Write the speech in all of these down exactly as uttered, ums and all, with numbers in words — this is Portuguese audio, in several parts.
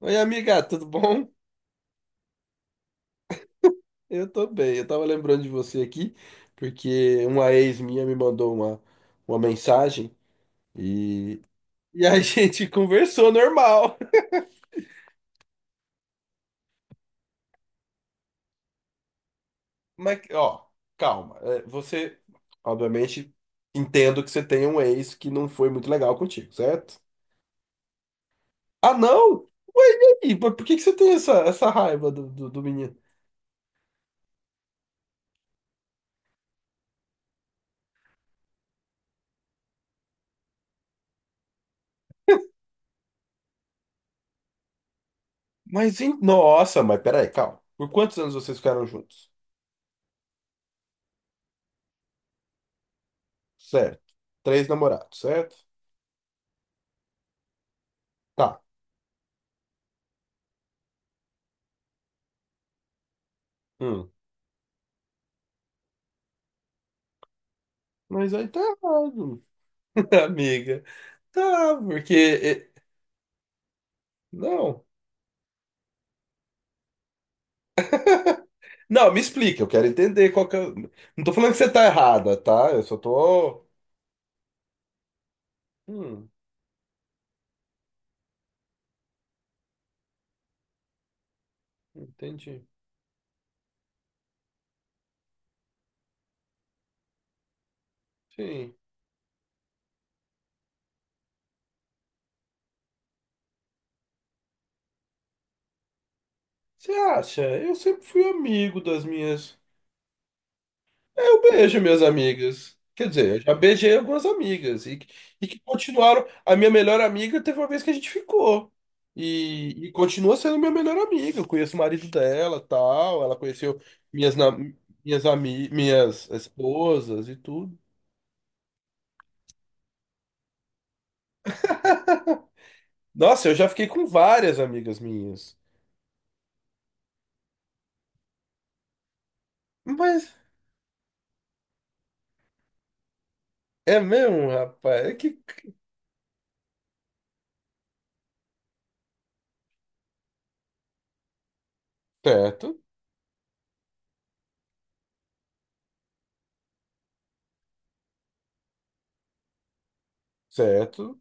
Oi, amiga, tudo bom? Eu tô bem. Eu tava lembrando de você aqui, porque uma ex minha me mandou uma, uma mensagem e, e a gente conversou normal. Mas, ó, calma. É, Você, obviamente, entendo que você tem um ex que não foi muito legal contigo, certo? Ah, não? Ué, e aí? Por por que que você tem essa, essa raiva do, do, do menino? Mas, hein? Nossa, mas peraí, calma. Por quantos anos vocês ficaram juntos? Certo. Três namorados, certo? Tá. Hum. Mas aí tá errado, amiga. Tá, porque, é, não. Não, me explica, eu quero entender qual que é. o- Não tô falando que você tá errada, tá? Eu só tô. Hum, entendi. Sim. Você acha? Eu sempre fui amigo das minhas. É, Eu beijo minhas amigas. Quer dizer, eu já beijei algumas amigas e, que- e que continuaram. A minha melhor amiga teve uma vez que a gente ficou. E, e continua sendo minha melhor amiga. Eu conheço o marido dela, tal. Ela conheceu minhas, na- minhas, ami, minhas esposas e tudo. Nossa, eu já fiquei com várias amigas minhas. Mas é mesmo, rapaz. É que. Certo, certo.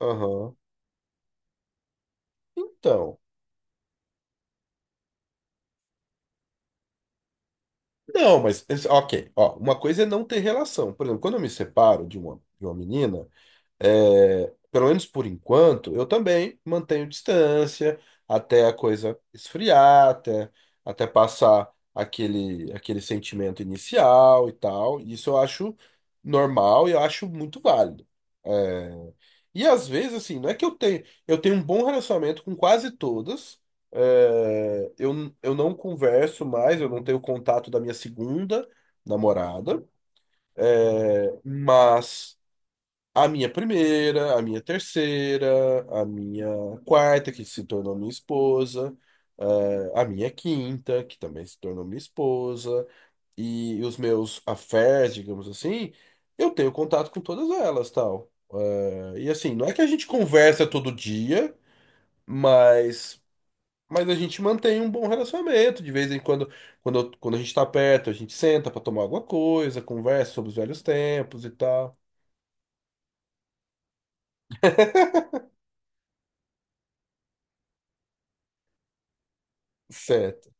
Aham. Então. Não, mas, esse- ok, ó, uma coisa é não ter relação. Por exemplo, quando eu me separo de uma, de uma menina, é, pelo menos por enquanto, eu também mantenho distância até a coisa esfriar, até, até passar aquele, aquele sentimento inicial e tal. Isso eu acho normal e eu acho muito válido. É, e às vezes, assim, não é que eu tenho. Eu tenho um bom relacionamento com quase todas. É, eu, eu não converso mais, eu não tenho contato da minha segunda namorada, mas. A minha primeira, a minha terceira, a minha quarta, que se tornou minha esposa, eh, a minha quinta, que também se tornou minha esposa, e os meus affairs, digamos assim, eu tenho contato com todas elas, tal. Eh, e assim, não é que a gente conversa todo dia, mas, mas a gente mantém um bom relacionamento. De vez em quando, quando, eu- quando a gente tá perto, a gente senta pra tomar alguma coisa, conversa sobre os velhos tempos e tal. Certo.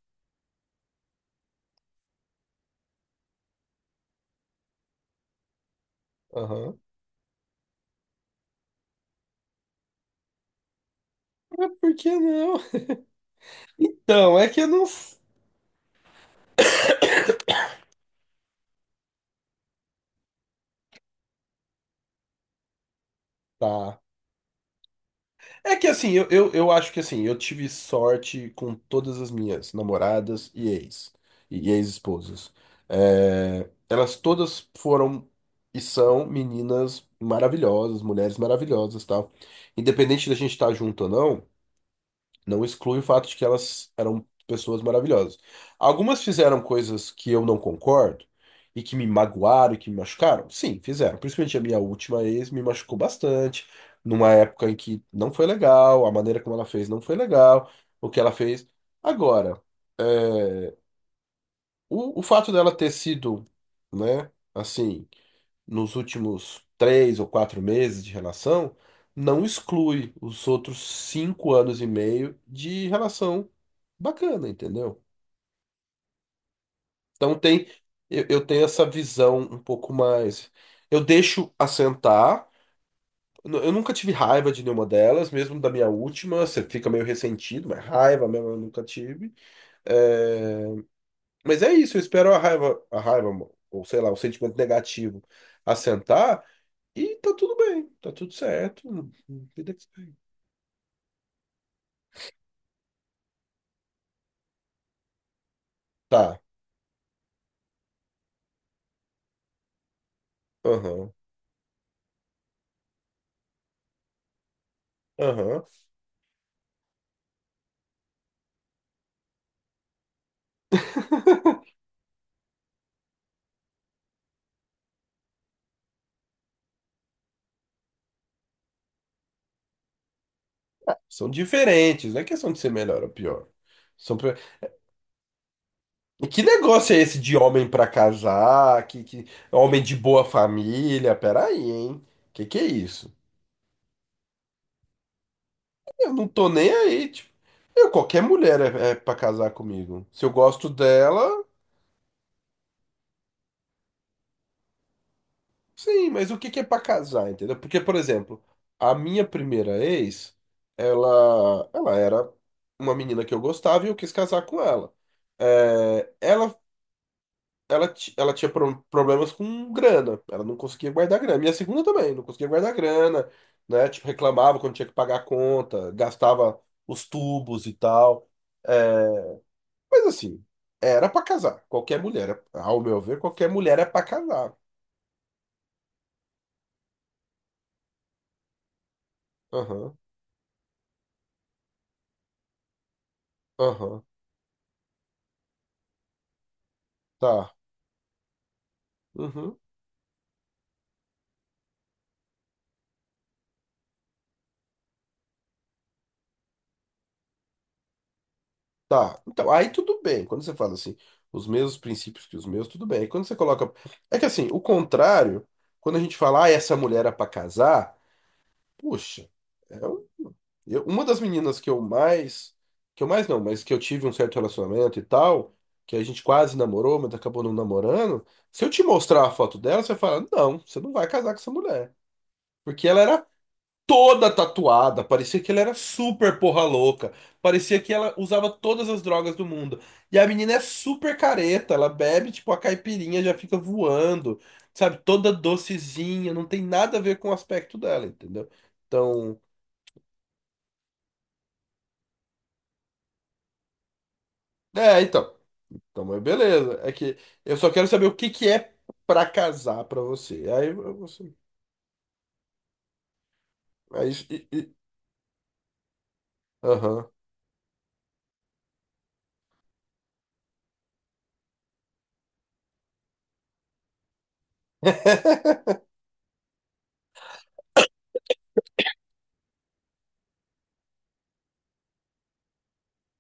Aham. Mas Por que não? Então, é que eu não. Tá. É que assim, eu, eu, eu acho que assim, eu tive sorte com todas as minhas namoradas e ex, e ex-esposas. É, elas todas foram e são meninas maravilhosas, mulheres maravilhosas, tal. Independente da gente estar junto ou não, Não exclui o fato de que elas eram pessoas maravilhosas. Algumas fizeram coisas que eu não concordo e que me magoaram e que me machucaram. Sim, fizeram. Principalmente a minha última ex me machucou bastante, numa época em que não foi legal, a maneira como ela fez não foi legal, o que ela fez. Agora, é, o, o fato dela ter sido, né, assim nos últimos três ou quatro meses de relação, não exclui os outros cinco anos e meio de relação bacana, entendeu? Então tem, eu, eu tenho essa visão um pouco mais. Eu deixo assentar. Eu nu- eu nunca tive raiva de nenhuma delas, mesmo da minha última. Você fica meio ressentido, mas raiva mesmo eu nunca tive. eh, Mas é isso, eu espero a raiva, a raiva, ou sei lá, o sentimento negativo assentar e tá tudo bem, tá tudo certo. Vida que segue. Tá, aham, aham. São diferentes, não é questão de ser melhor ou pior. São... pe- Que negócio é esse de homem pra casar, que, que homem de boa família? Peraí, hein? Que que é isso? Eu não tô nem aí, tipo. Eu, qualquer mulher é, é pra casar comigo. Se eu gosto dela, sim, mas o que que é pra casar, entendeu? Porque, por exemplo, a minha primeira ex, ela, ela era uma menina que eu gostava e eu quis casar com ela. É, ela, ela, ti- ela tinha pro- problemas com grana, ela não conseguia guardar grana. Minha segunda também, não conseguia guardar grana, né? Tipo, reclamava quando tinha que pagar a conta, gastava os tubos e tal. É, mas assim, era pra casar. Qualquer mulher, ao meu ver, qualquer mulher é pra casar. Aham, aham, tá. Uhum. Tá, então, aí tudo bem. Quando você fala assim, os mesmos princípios que os meus, tudo bem. Aí quando você coloca. É que assim, o contrário, quando a gente fala, ah, essa mulher é pra casar, puxa, é um- eu- uma das meninas que eu mais. Que eu mais não, mas que eu tive um certo relacionamento e tal, que a gente quase namorou, mas acabou não namorando. Se eu te mostrar a foto dela, você fala, não, você não vai casar com essa mulher. Porque ela era toda tatuada. Parecia que ela era super porra louca. Parecia que ela usava todas as drogas do mundo. E a menina é super careta. Ela bebe, tipo, a caipirinha já fica voando. Sabe? Toda docezinha. Não tem nada a ver com o aspecto dela, entendeu? Então. É, então. Então, mas beleza. É que eu só quero saber o que que é pra casar pra você. Aí você. Aí. e- e- Aham.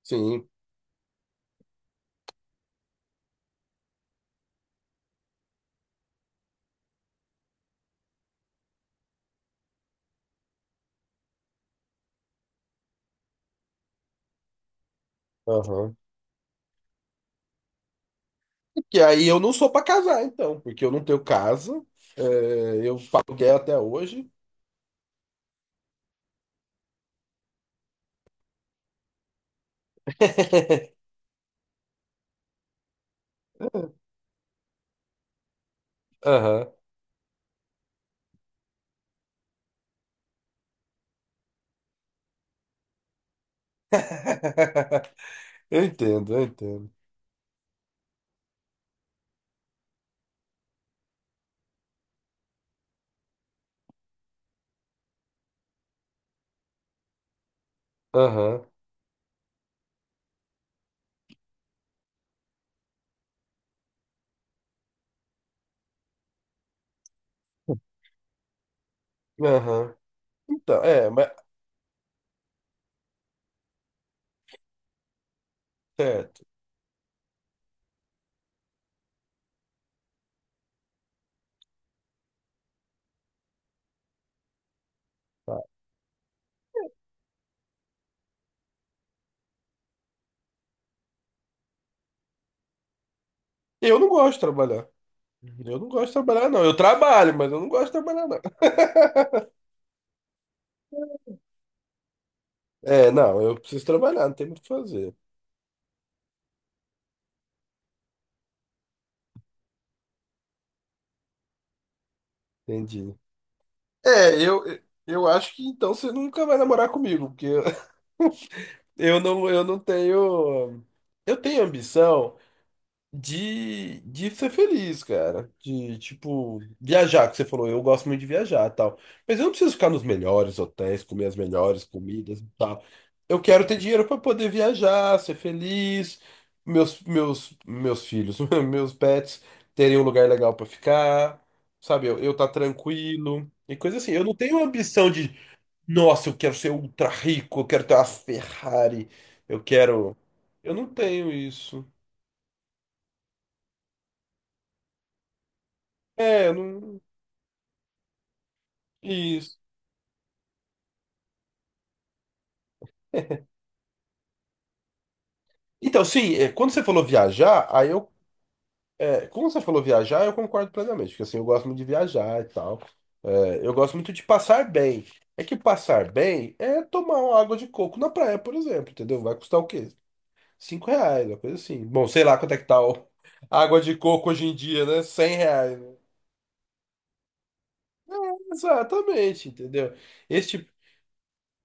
Sim. Aham. Que aí eu não sou pra casar, então, porque eu não tenho casa, é, eu pago aluguel até hoje. Aham. Eu entendo, eu entendo. Aham. Aham. Então, é, mas. Certo. tá. Eu não gosto de trabalhar. Eu não gosto de trabalhar, não. Eu trabalho, mas eu não gosto de trabalhar, não. É, não, eu preciso trabalhar, não tem muito o que fazer. Entendi. É, eu, eu acho que então você nunca vai namorar comigo, porque eu eu não, eu não tenho. Eu tenho ambição. De, de ser feliz, cara. De, tipo, viajar, que você falou, eu gosto muito de viajar e tal. Mas eu não preciso ficar nos melhores hotéis, comer as melhores comidas e tal. Eu quero ter dinheiro para poder viajar, ser feliz, meus, meus, meus filhos, meus pets terem um lugar legal para ficar, sabe? Eu, eu tá tranquilo e coisa assim. Eu não tenho ambição de, nossa, eu quero ser ultra rico, eu quero ter uma Ferrari, eu quero. Eu não tenho isso. É, eu não. Isso. Então, sim, é, quando você falou viajar, aí eu. É, quando você falou viajar, eu concordo plenamente, porque assim, eu gosto muito de viajar e tal. É, eu gosto muito de passar bem. É que passar bem é tomar uma água de coco na praia, por exemplo, entendeu? Vai custar o quê? Cinco reais, uma coisa assim. Bom, sei lá quanto é que tá o- a água de coco hoje em dia, né? Cem reais. Exatamente, entendeu? Este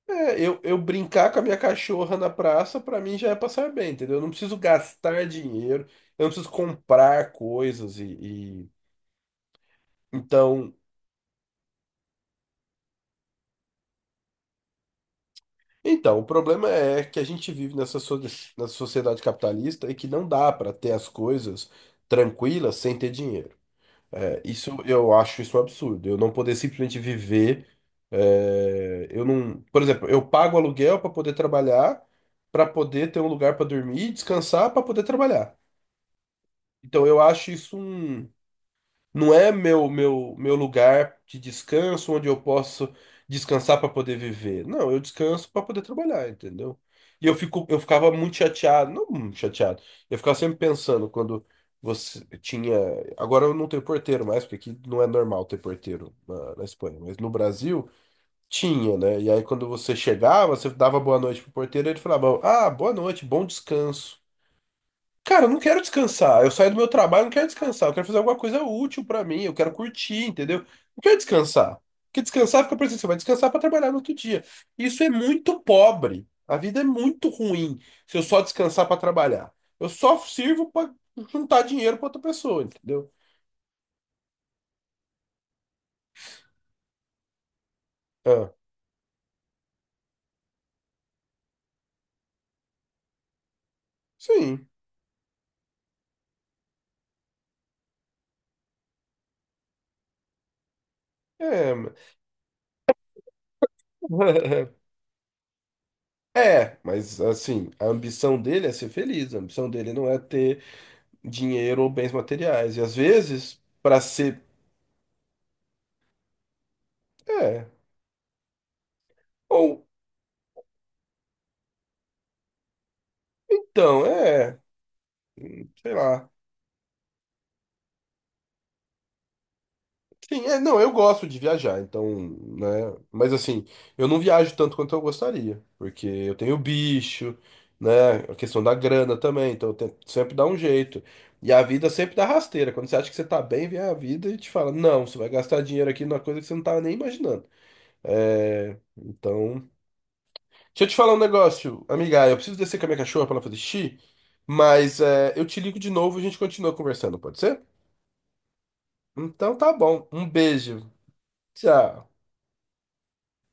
É, Eu, eu brincar com a minha cachorra na praça, pra mim já é passar bem, entendeu? Eu não preciso gastar dinheiro, eu não preciso comprar coisas e, e- Então, então, o problema é que a gente vive nessa, so- nessa sociedade capitalista e que não dá pra ter as coisas tranquilas sem ter dinheiro. É, isso eu acho isso um absurdo. Eu não poder simplesmente viver. É, eu não, por exemplo, eu pago aluguel pra poder trabalhar, pra poder ter um lugar pra dormir, descansar, pra poder trabalhar. Então eu acho isso um não é meu meu meu lugar de descanso onde eu posso descansar para poder viver. Não, eu descanso para poder trabalhar, entendeu? E eu fico eu ficava muito chateado, não muito chateado. Eu ficava sempre pensando quando você tinha, agora eu não tenho porteiro mais, porque aqui não é normal ter porteiro na, na Espanha, mas no Brasil tinha, né? E aí quando você chegava, você dava boa noite pro porteiro, ele falava: "Ah, boa noite, bom descanso". Cara, eu não quero descansar. Eu saio do meu trabalho, eu não quero descansar. Eu quero fazer alguma coisa útil pra mim. Eu quero curtir, entendeu? Não quero descansar. Porque descansar fica pensando, você vai descansar pra trabalhar no outro dia. Isso é muito pobre. A vida é muito ruim se eu só descansar pra trabalhar. Eu só sirvo pra juntar dinheiro pra outra pessoa, entendeu? Ah, sim. É, ma- é, mas assim, a ambição dele é ser feliz. A ambição dele não é ter dinheiro ou bens materiais. E às vezes, pra ser, é. Ou Então, é, sei lá. Sim, é, não, eu gosto de viajar, então, né? Mas assim, eu não viajo tanto quanto eu gostaria, porque eu tenho bicho, né? A questão da grana também, então eu tento sempre dar um jeito. E a vida sempre dá rasteira. Quando você acha que você tá bem, vem a vida e te fala, não, você vai gastar dinheiro aqui numa coisa que você não tava nem imaginando. É, então. Deixa eu te falar um negócio, amiga, eu preciso descer com a minha cachorra pra ela fazer xixi, mas é, eu te ligo de novo e a gente continua conversando, pode ser? Então tá bom. Um beijo. Tchau.